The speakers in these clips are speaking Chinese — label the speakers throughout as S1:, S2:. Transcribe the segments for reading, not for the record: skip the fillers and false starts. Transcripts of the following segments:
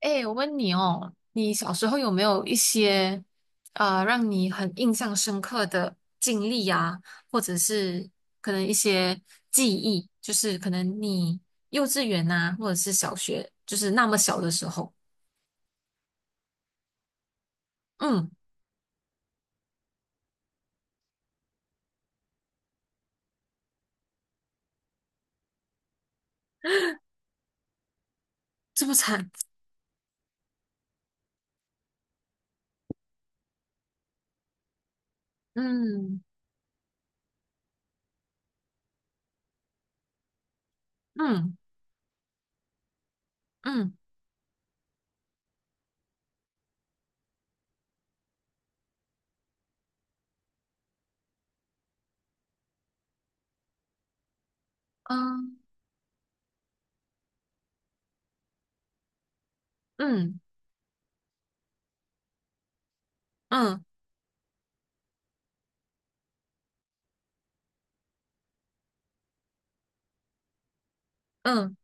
S1: 哎，我问你哦，你小时候有没有一些让你很印象深刻的经历啊，或者是可能一些记忆，就是可能你幼稚园呐、或者是小学，就是那么小的时候。嗯。这么惨。嗯嗯嗯嗯嗯嗯嗯。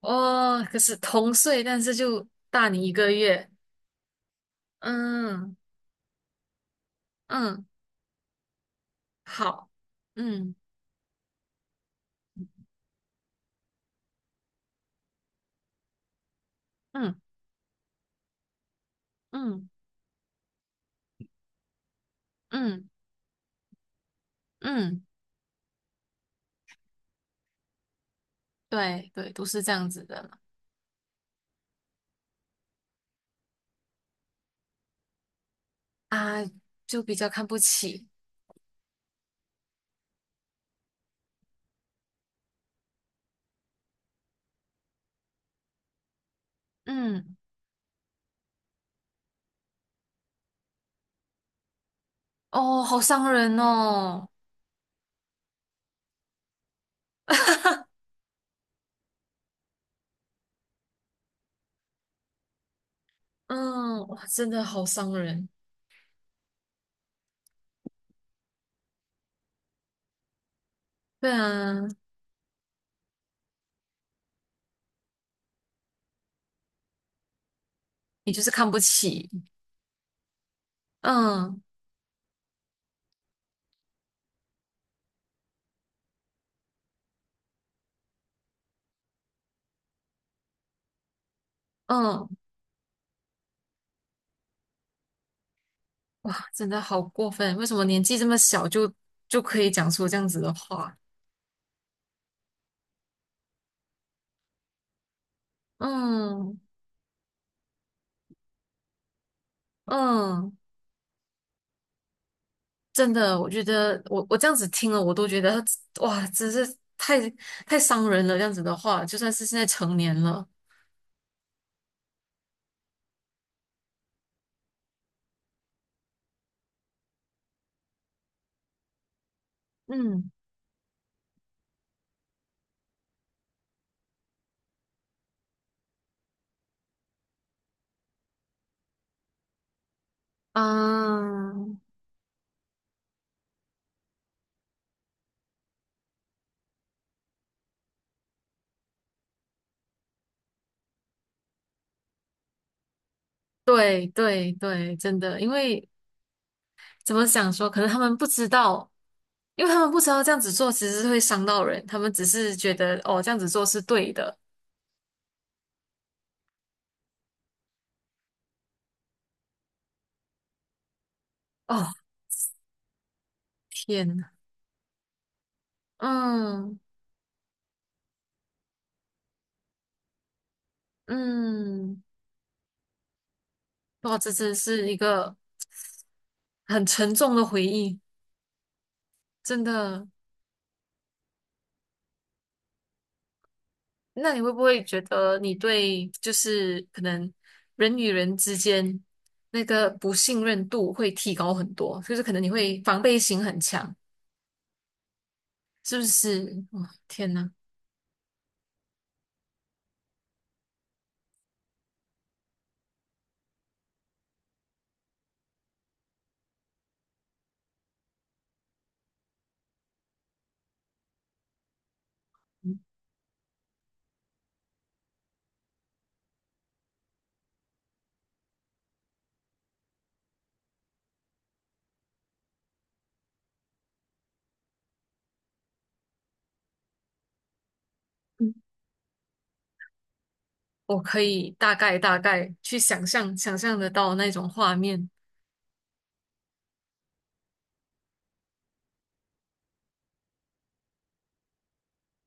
S1: 哦，可是同岁，但是就大你一个月。嗯嗯，好，嗯嗯嗯嗯。嗯。对对，都是这样子的嘛。啊，就比较看不起。嗯。哦，好伤人哦。嗯。哇，真的好伤人。对啊，你就是看不起。嗯嗯。哇，真的好过分。为什么年纪这么小就可以讲出这样子的话？嗯嗯。真的，我觉得我这样子听了，我都觉得哇，真是太太伤人了。这样子的话，就算是现在成年了。嗯。啊，对对对，真的，因为怎么想说，可能他们不知道，因为他们不知道这样子做其实是会伤到人，他们只是觉得哦，这样子做是对的。哦，天呐。嗯嗯。哇，这真是一个很沉重的回忆。真的。那你会不会觉得你对就是可能人与人之间那个不信任度会提高很多，就是可能你会防备心很强？是不是？哇、天呐。嗯嗯，我可以大概去想象得到那种画面。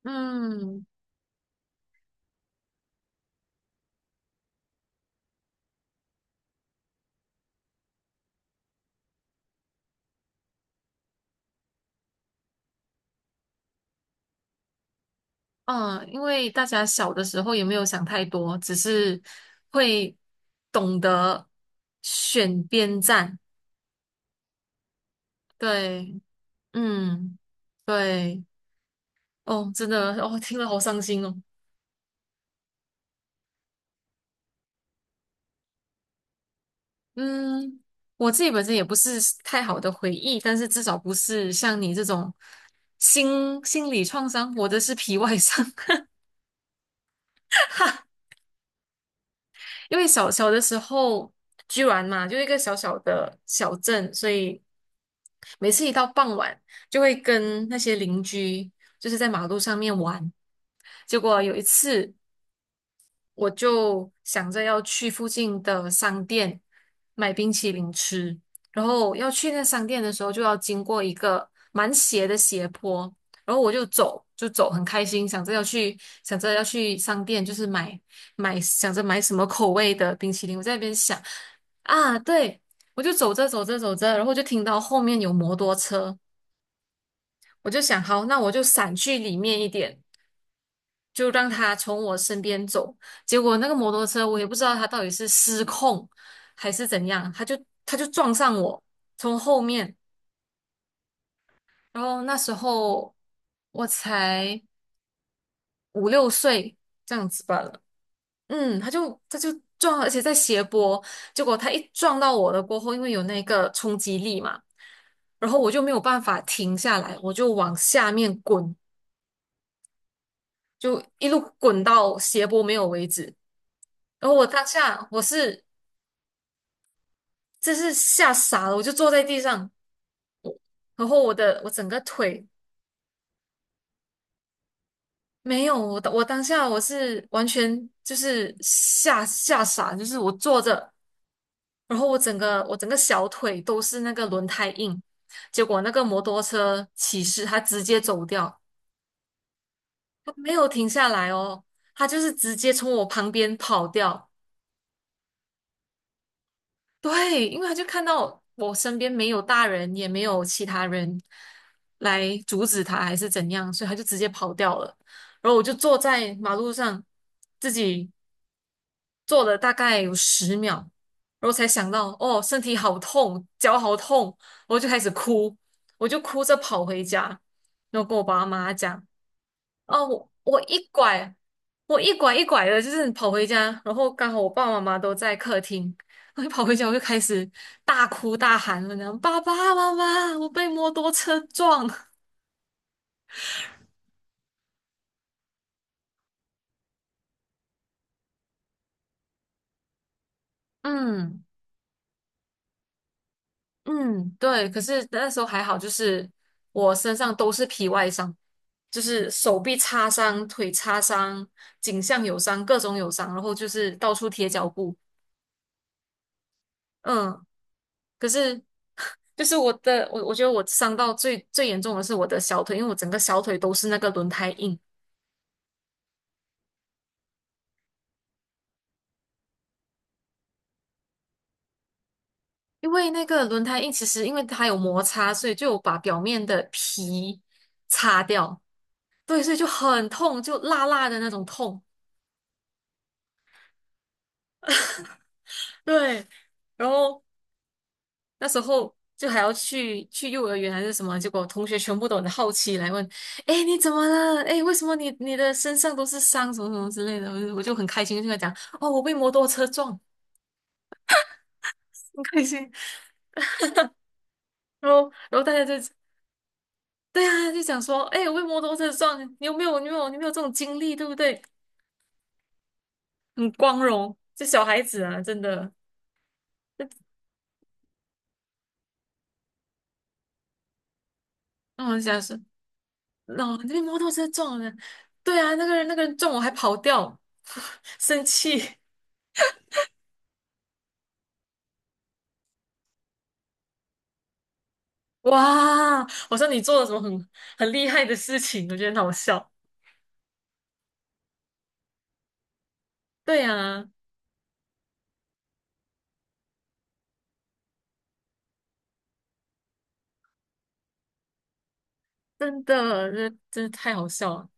S1: 嗯。啊，因为大家小的时候也没有想太多，只是会懂得选边站。对，嗯，对。哦，真的，哦，听了好伤心哦。嗯，我自己本身也不是太好的回忆，但是至少不是像你这种心理创伤，我的是皮外伤。因为小小的时候，居然嘛，就一个小小的小镇，所以每次一到傍晚，就会跟那些邻居就是在马路上面玩。结果有一次，我就想着要去附近的商店买冰淇淋吃，然后要去那商店的时候就要经过一个蛮斜的斜坡，然后我就走，很开心，想着要去商店，就是买想着买什么口味的冰淇淋，我在那边想。啊，对，我就走着，然后就听到后面有摩托车，我就想好，那我就闪去里面一点。就让他从我身边走。结果那个摩托车，我也不知道他到底是失控还是怎样，他就撞上我，从后面。然后那时候我才五六岁这样子吧了。嗯，他就撞，而且在斜坡。结果他一撞到我了过后，因为有那个冲击力嘛，然后我就没有办法停下来，我就往下面滚，就一路滚到斜坡没有为止。然后我当下是真是吓傻了，我就坐在地上，然后我整个腿没有，我当下我是完全就是吓傻，就是我坐着，然后我整个小腿都是那个轮胎印，结果那个摩托车骑士他直接走掉，他没有停下来哦，他就是直接从我旁边跑掉。对，因为他就看到我身边没有大人，也没有其他人来阻止他，还是怎样，所以他就直接跑掉了。然后我就坐在马路上，自己坐了大概有十秒，然后才想到，哦，身体好痛，脚好痛，我就开始哭，我就哭着跑回家，然后跟我爸妈讲。哦，我一拐，我一拐一拐的，就是跑回家，然后刚好我爸爸妈妈都在客厅，我一跑回家我就开始大哭大喊了，然后爸爸妈妈，我被摩托车撞。嗯嗯。对，可是那时候还好，就是我身上都是皮外伤，就是手臂擦伤、腿擦伤、颈项有伤、各种有伤，然后就是到处贴脚布。嗯，可是。就是我我觉得我伤到最严重的是我的小腿，因为我整个小腿都是那个轮胎印。因为那个轮胎印其实因为它有摩擦，所以就有把表面的皮擦掉，对，所以就很痛，就辣辣的那种痛。对，然后那时候就还要去幼儿园还是什么，结果同学全部都很好奇来问：“哎，你怎么了？哎，为什么你的身上都是伤，什么什么之类的？”我就很开心，就跟他讲：“哦，我被摩托车撞，很开心。”然后大家就对啊，就想说，哎，我被摩托车撞，你有没有这种经历，对不对？很光荣，这小孩子啊，真的。那我想说，那我被摩托车撞了，对啊，那个人撞我还跑掉，生气。哇！我说你做了什么很厉害的事情，我觉得很好笑。对啊，真的，这真的太好笑了。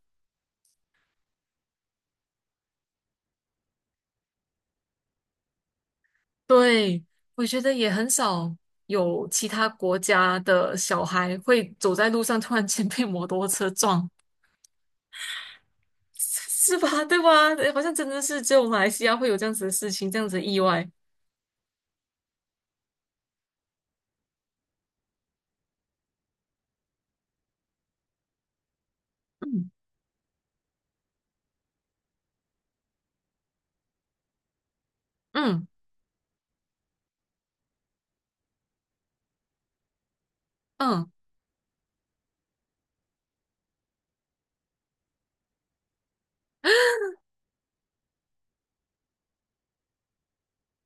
S1: 对，我觉得也很少有其他国家的小孩会走在路上突然间被摩托车撞，是吧？对吧？好像真的是只有马来西亚会有这样子的事情，这样子的意外。嗯嗯嗯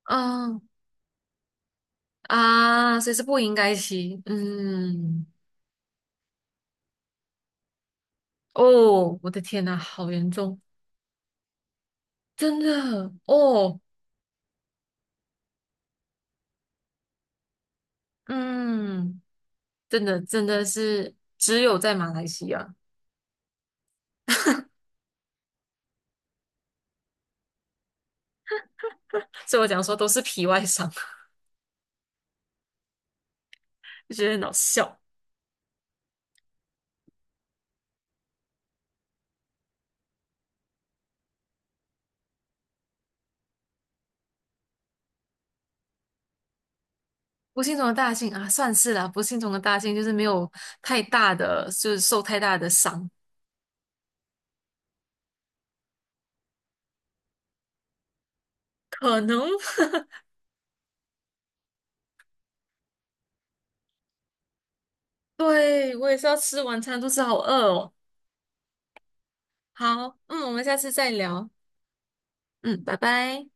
S1: 嗯。啊，所以是不应该骑。嗯，哦，我的天呐，好严重，真的哦，嗯，真的真的是只有在马来西亚，所以我讲说都是皮外伤，就觉得很好笑。不幸中的大幸啊，算是啦、不幸中的大幸就是没有太大的，就是受太大的伤。可能，对，我也是要吃晚餐，肚子好饿哦。好，嗯，我们下次再聊。嗯，拜拜。